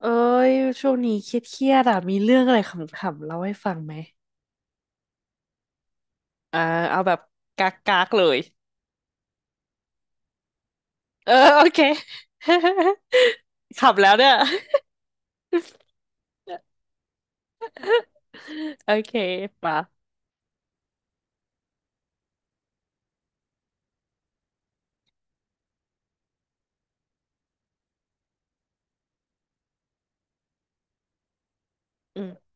เอ้ยช่วงนี้เครียดๆอ่ะมีเรื่องอะไรขำๆเล่าให้ฟังไหมอ่าเอาแบบกากๆเลยเออ โอเค ขำแล้วเนี่ย โอเคป่ะอืม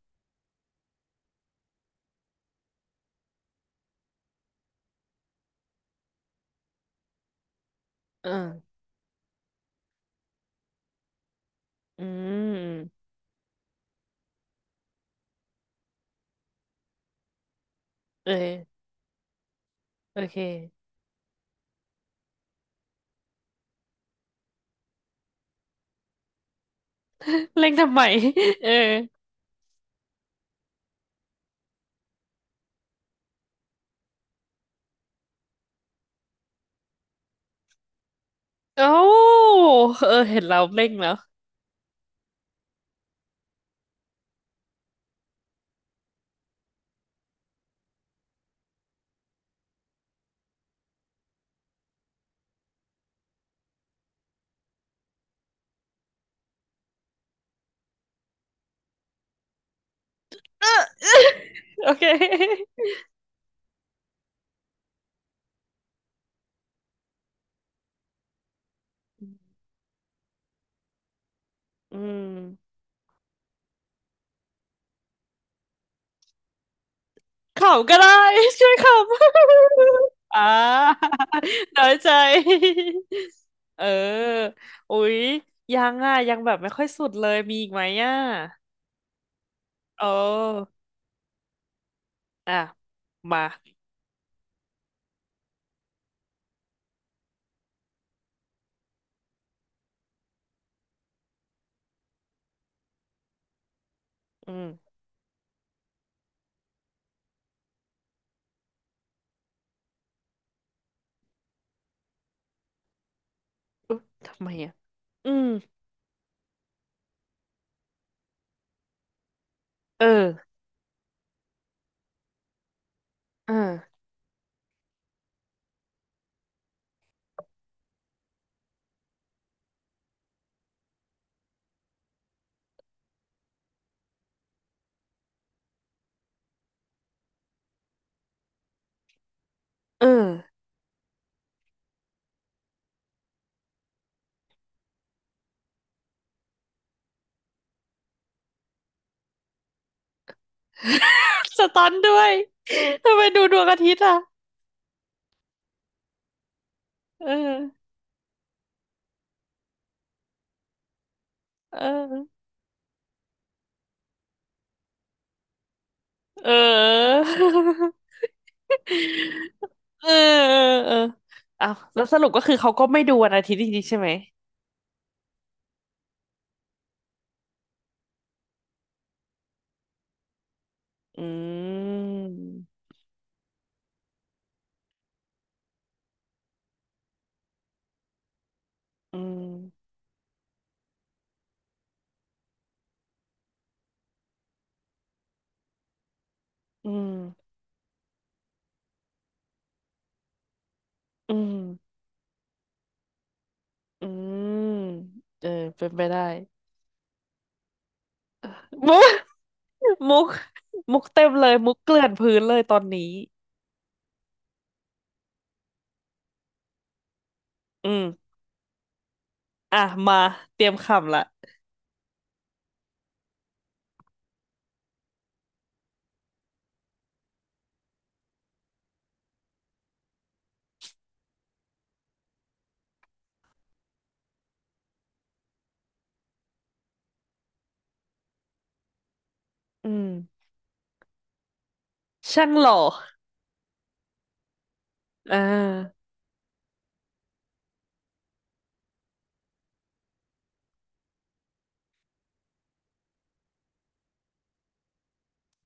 เอออืมเออโอเค เร่งทำไมเออเอ้าเออเห็นเราเร่งแล้ว เออ โอเค อืม ขำก็ได้ ช่วยขำ อ่า น้อยใจ เออ อุ๊ยยังอ่ะยังแบบไม่ค่อยสุดเลยมีอีกไหมอ่ะโอ้อ่ะมาอืมอุ๊ยทำไมอ่ะอืมเออเออเออสตันด้วย ทำไมดูดวงอาทิตย์อ่ะเออเออเออ เออเออเออเอาแล้วสรุปก็คือเขาก็ไม่ดูวันอาทิตย์จริงๆใช่ไหม อืมอืมอืมอืมอืมเออเป็นไปได้มุก มุกมุกเต็มเลยมุกเกลื่อนพื้นเลยตอนนี้อืมอ่ะมาเตรียมคำละอืมช่างหล่ออ่า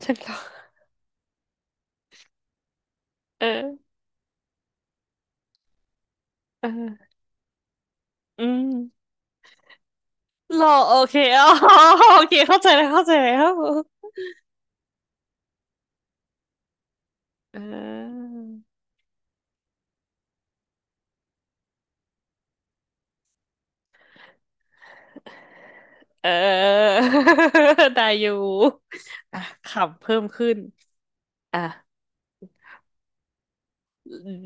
ช่างหล่อเออเอออืมหล่อโอเคอ๋อโอเคเข้าใจแล้วเข้าใจแล้วเออเออ ได้อยู่อ่ะขำเพิ่มขึ้นอ่ะ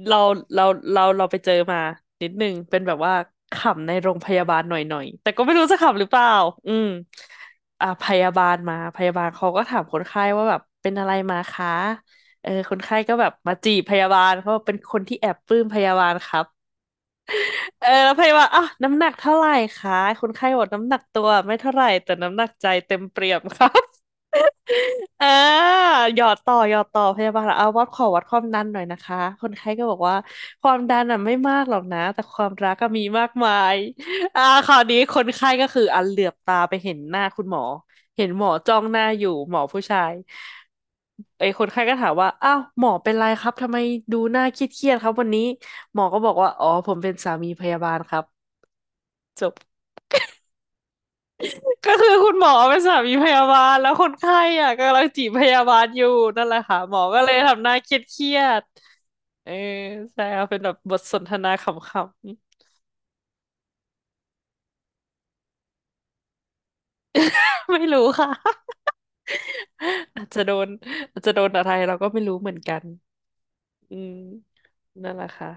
เราเราเราไปเจอมานิดนึงเป็นแบบว่าขำในโรงพยาบาลหน่อยหน่อยแต่ก็ไม่รู้จะขำหรือเปล่าอืมอ่าพยาบาลมาพยาบาลเขาก็ถามคนไข้ว่าแบบเป็นอะไรมาคะเออคนไข้ก็แบบมาจีบพยาบาลเขาบอกเป็นคนที่แอบปลื้มพยาบาลครับ เออแล้วพยาบาลอ่ะน้ำหนักเท่าไหร่คะคนไข้บอกน้ำหนักตัวไม่เท่าไหร่แต่น้ำหนักใจเต็มเปี่ยมครับ อ่าหยอดต่อหยอดต่อพยาบาลเอาวัดขอวัดความดันหน่อยนะคะคนไข้ก็บอกว่าความดันอ่ะไม่มากหรอกนะแต่ความรักก็มีมากมายอ่าคราวนี้คนไข้ก็คืออันเหลือบตาไปเห็นหน้าคุณหมอเห็นหมอจ้องหน้าอยู่หมอผู้ชายไอ้คนไข้ก็ถามว่าอ้าวหมอเป็นไรครับทำไมดูหน้าเครียดๆครับวันนี้ หมอก็บอกว่าอ๋อผมเป็นสามีพยาบาลครับจบ ก็คือคุณหมอเป็นสามีพยาบาลแล้วคนไข้อ่ะกำลังจีบพยาบาลอยู่นั่นแหละค่ะ หมอก็เลยทำหน้าเครียดๆเออใช่ค่ะเป็นแบบบทสนทนาขำๆ ไม่รู้ค่ะ อาจจะโดนอาจจะโดนอะไรเราก็ไม่รู้เหมือนกันอืมนั่นแหละค่ะ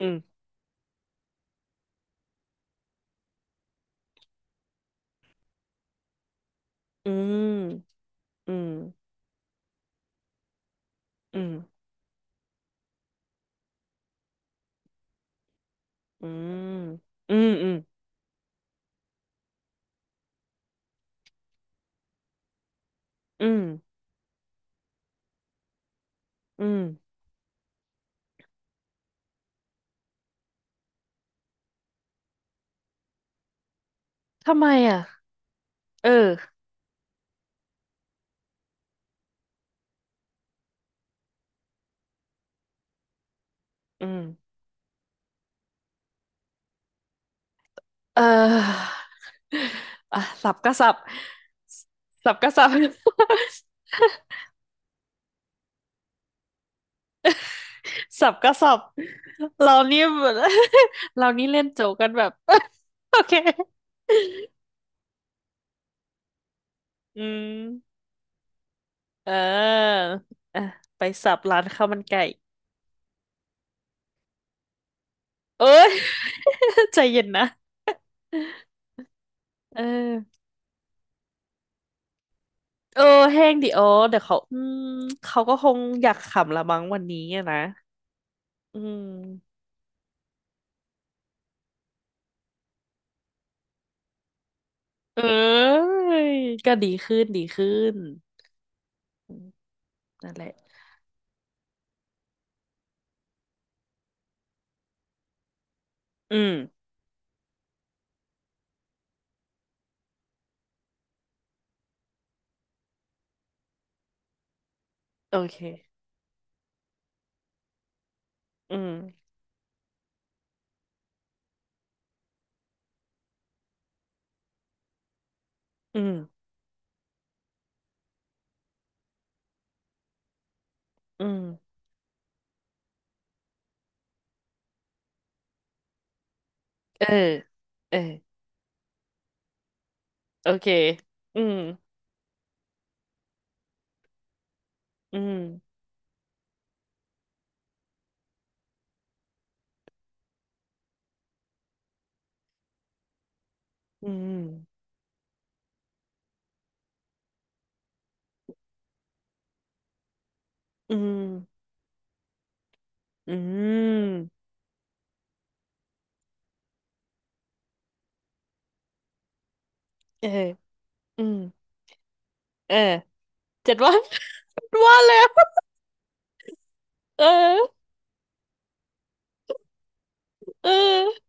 อืมอืมอืมอืมอืมอืมอืมอืมอืมทำไมอ่ะเอออืม เอออ่ะสับก็สับสับก็สับ สับก็สับ เรานี่ เรานี่เล่นโจกกันแบบ โอเคอืมเอออ่ะไปสับร้านข้าวมันไก่เอ้ย ใจเย็นนะเออเออแห้งดิโอเดี๋ยวเขาอืมเขาก็คงอยากขำละมั้งวันนี้อะนะอืมเอ้ยก็ดีขึ้นดีขึ้นอืมนั่นแหละอืม โอเคอืมอืมอืมเออเออโอเคอืมอืมอืมอืมอืมเอออืมเออเจ็ดวัน ว่าแล้วเออเออ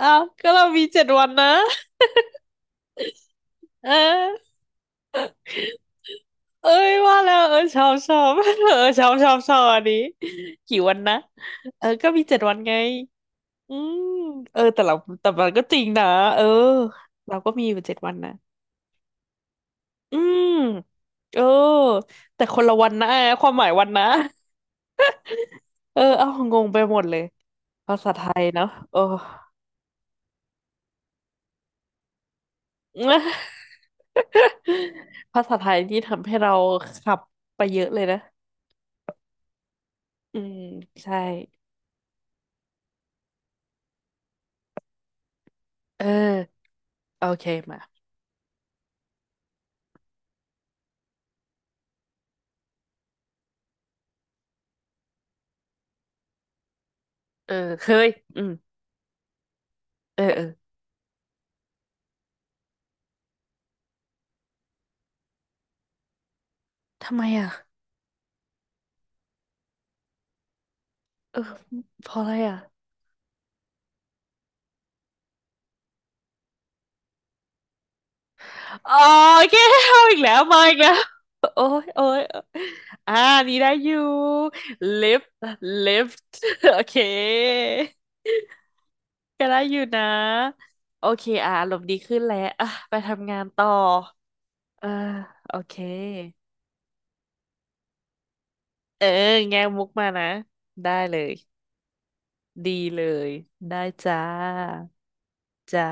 อ้าวก็เรามีเจ็ดวันนะเออเอ้ยว่าแล้วเออชอบชอบ เออชอบชอบชอบอันนี้กี่วันนะเออก็มีเจ็ดวันไงอืมเออแต่เราแต่มันก็จริงนะเออเราก็มีอยู่เจ็ดวันนะ อืมเออแต่คนละวันนะความหมายวันนะเออเอางงไปหมดเลยภาษาไทยเนาะโอ้ ภาษาไทยที่ทำให้เราขับไปเยอะเลยนะอืมใช่เออโอเคมาเออเคยอืมเออเออทำไมอ่ะเออเพราะอะไรอ่ะ โอเคเอาอีกแล้วมาอีกแล้วโอ้ยโอ้ยอ่านี่ได้อยู่ lift lift โอเคก็ได้อยู่นะโอเคอ่ะอารมณ์ดีขึ้นแล้วอ่ะไปทำงานต่อเออโอเคเออแง่มุกมานะได้เลยดีเลยได้จ้าจ้า